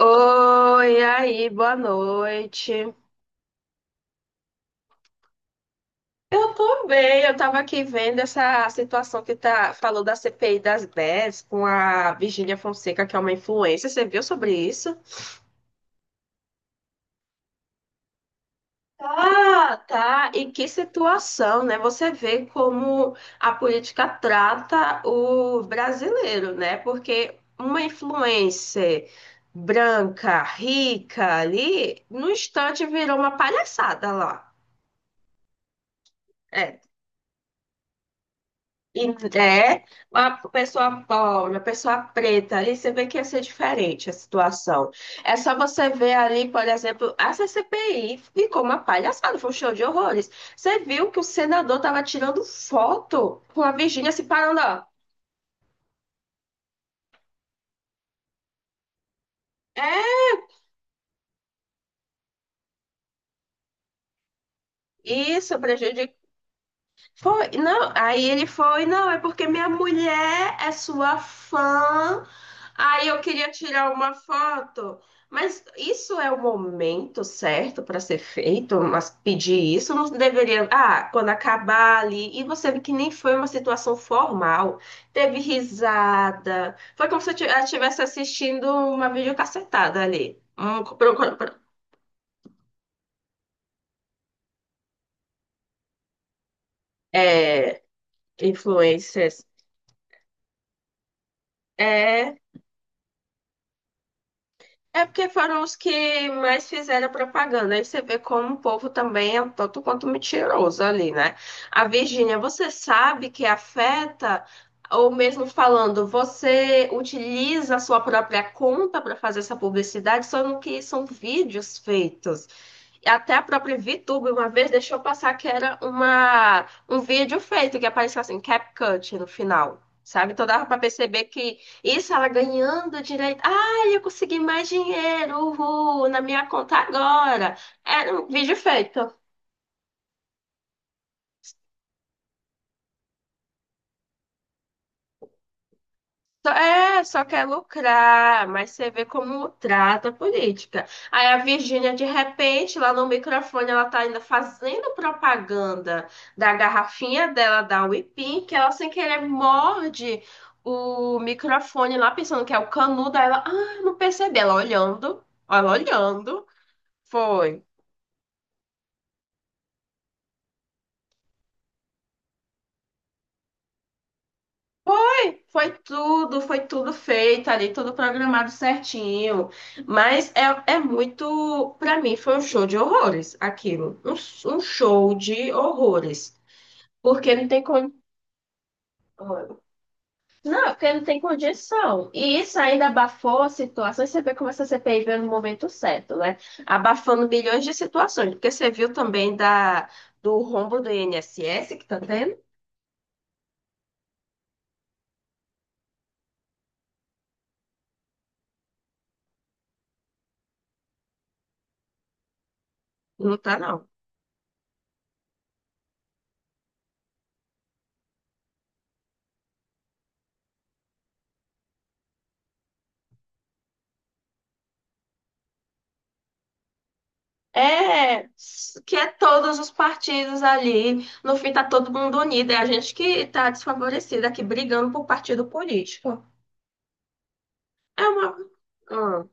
Oi, aí, boa noite. Eu tô bem, eu tava aqui vendo essa situação que tá falou da CPI das 10 com a Virgínia Fonseca, que é uma influencer. Você viu sobre isso? Ah, tá. E que situação, né? Você vê como a política trata o brasileiro, né? Porque uma influencer branca, rica ali, no instante virou uma palhaçada lá. É, e é uma pessoa pobre, uma pessoa preta, ali você vê que ia ser diferente a situação. É só você ver ali, por exemplo, a CPI ficou uma palhaçada, foi um show de horrores. Você viu que o senador estava tirando foto com a Virgínia se parando, ó. É isso, prejudicou. Foi, não, aí ele foi, não, é porque minha mulher é sua fã, aí eu queria tirar uma foto. Mas isso é o momento certo para ser feito, mas pedir isso não deveria. Ah, quando acabar ali, e você vê que nem foi uma situação formal, teve risada, foi como se ela estivesse assistindo uma videocassetada ali, é, influencers. É. É porque foram os que mais fizeram propaganda. Aí você vê como o povo também é um tanto quanto mentiroso ali, né? A Virgínia, você sabe que afeta, ou mesmo falando, você utiliza a sua própria conta para fazer essa publicidade, só no que são vídeos feitos. E até a própria VTube uma vez deixou passar que era um vídeo feito, que apareceu assim, CapCut no final. Sabe? Então dava pra perceber que isso ela ganhando direito. Ah, eu consegui mais dinheiro, uhul, na minha conta agora. Era um vídeo feito. É, só quer lucrar, mas você vê como trata a política. Aí a Virgínia, de repente, lá no microfone, ela tá ainda fazendo propaganda da garrafinha dela, da Whippin, que ela sem querer morde o microfone lá, pensando que é o canudo. Aí ela, ah, não percebi. Ela olhando, ela olhando. Foi. Foi tudo, foi tudo feito ali, tudo programado certinho. Mas é, muito, pra mim, foi um show de horrores aquilo. Um show de horrores. Porque não tem con... Não, porque não tem condição. E isso ainda abafou a situação. E você vê como essa CPI veio no momento certo, né? Abafando milhões de situações. Porque você viu também do rombo do INSS que tá tendo? Não tá, não. É, que é todos os partidos ali, no fim tá todo mundo unido, é a gente que tá desfavorecida aqui brigando por partido político. É uma. Hum.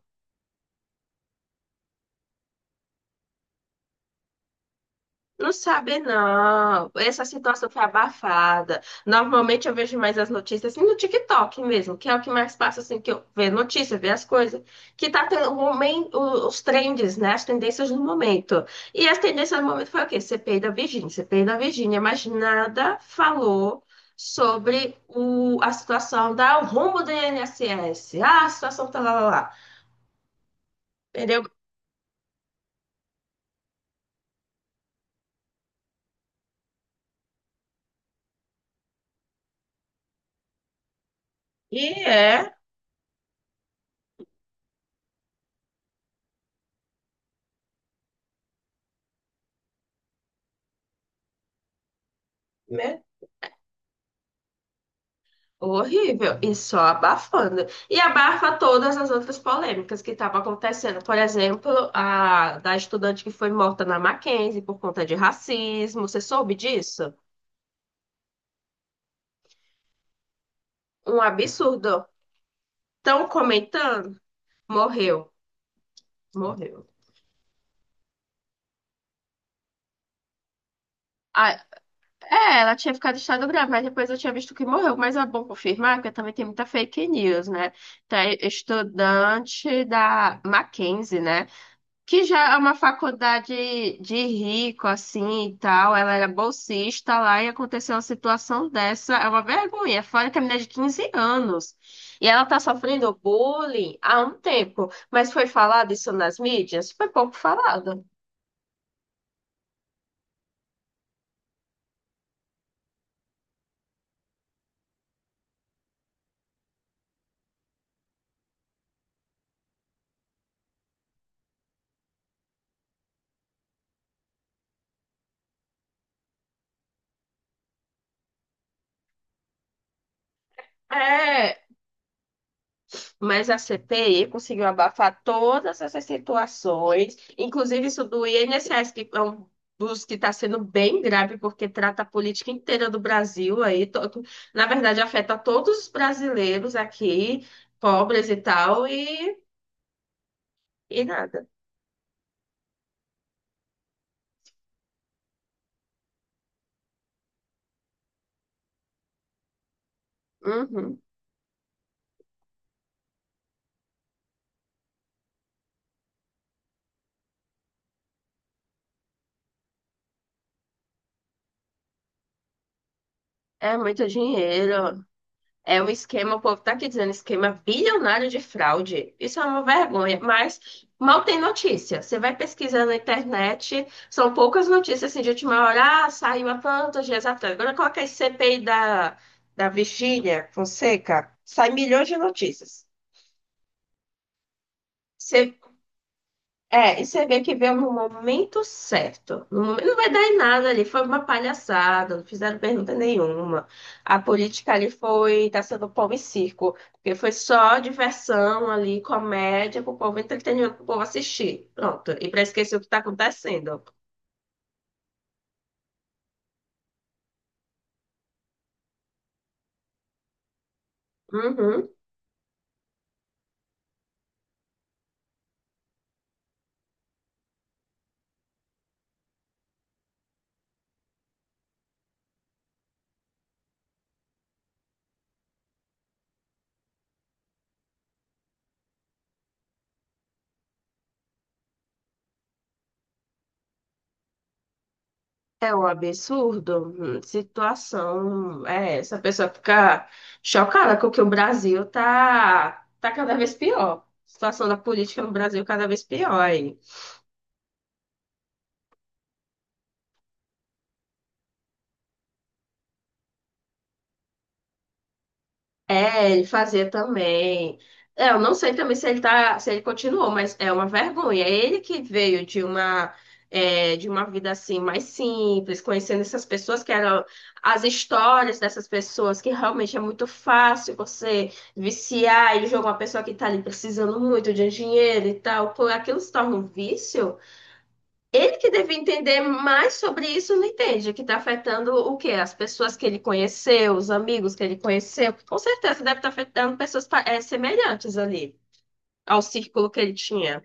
Não sabe, não. Essa situação foi abafada. Normalmente eu vejo mais as notícias assim no TikTok mesmo, que é o que mais passa assim, que eu vejo notícia, ver as coisas. Que tá tendo os trends, né? As tendências do momento. E as tendências do momento foi o quê? CPI da Virgínia, CPI da Virgínia, mas nada falou sobre a situação da o rumo do INSS. Ah, a situação tá lá, lá, lá. Entendeu? E é. Né? Horrível, e só abafando. E abafa todas as outras polêmicas que estavam acontecendo. Por exemplo, a da estudante que foi morta na Mackenzie por conta de racismo. Você soube disso? Um absurdo. Estão comentando? Morreu, morreu. Ah, é, ela tinha ficado em estado grave, mas depois eu tinha visto que morreu. Mas é bom confirmar, porque também tem muita fake news, né? Tá, estudante da Mackenzie, né, que já é uma faculdade de rico, assim, e tal. Ela era bolsista lá e aconteceu uma situação dessa. É uma vergonha. Fora que a menina é de 15 anos. E ela tá sofrendo bullying há um tempo. Mas foi falado isso nas mídias? Foi pouco falado. É. Mas a CPI conseguiu abafar todas essas situações, inclusive isso do INSS, que é um dos que está sendo bem grave, porque trata a política inteira do Brasil aí, todo, na verdade afeta todos os brasileiros aqui, pobres e tal, e nada. Uhum. É muito dinheiro. É um esquema, o povo tá aqui dizendo esquema bilionário de fraude. Isso é uma vergonha, mas mal tem notícia. Você vai pesquisando na internet, são poucas notícias assim, de última hora. Ah, saiu há tantos dias atrás. Agora coloca aí CPI da, Virgínia Fonseca, sai milhões de notícias. Você É, e você vê que veio no momento certo. No momento, não vai dar em nada ali. Foi uma palhaçada, não fizeram pergunta nenhuma. A política ali foi, tá sendo pão e circo, porque foi só diversão ali, comédia, pro povo entretenimento, pro povo assistir. Pronto. E pra esquecer o que tá acontecendo. Uhum. É um absurdo. Situação. É, essa pessoa fica chocada com que o Brasil tá cada vez pior. Situação da política no Brasil cada vez pior. É, ele fazia também. É, eu não sei também se ele tá, se ele continuou, mas é uma vergonha. É. Ele que veio de uma, de uma vida assim mais simples, conhecendo essas pessoas que eram as histórias dessas pessoas, que realmente é muito fácil você viciar e jogar uma pessoa que tá ali precisando muito de dinheiro e tal, por aquilo se torna um vício. Ele que deve entender mais sobre isso, não entende, que está afetando o quê? As pessoas que ele conheceu, os amigos que ele conheceu. Com certeza deve estar afetando pessoas semelhantes ali ao círculo que ele tinha.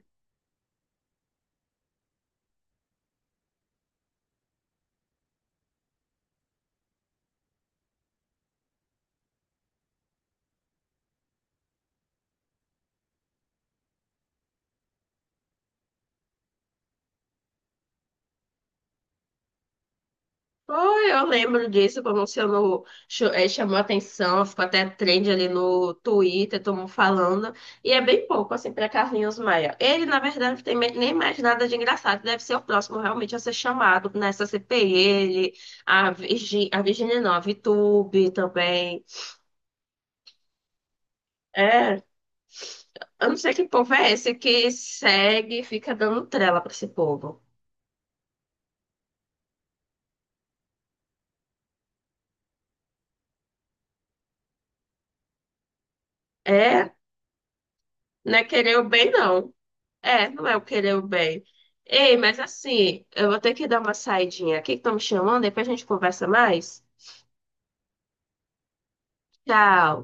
Foi, eu lembro disso, como se eu não cho- eh, chamou atenção, ficou até trend ali no Twitter, todo mundo falando. E é bem pouco, assim, para Carlinhos Maia. Ele, na verdade, não tem nem mais nada de engraçado. Deve ser o próximo realmente a ser chamado nessa CPI, ele, a Virgínia, não, a Vitube também. É, eu não sei que povo é esse que segue e fica dando trela para esse povo. É, não é querer o bem, não. É, não é o querer o bem. Ei, mas assim, eu vou ter que dar uma saidinha aqui que estão me chamando, depois a gente conversa mais. Tchau.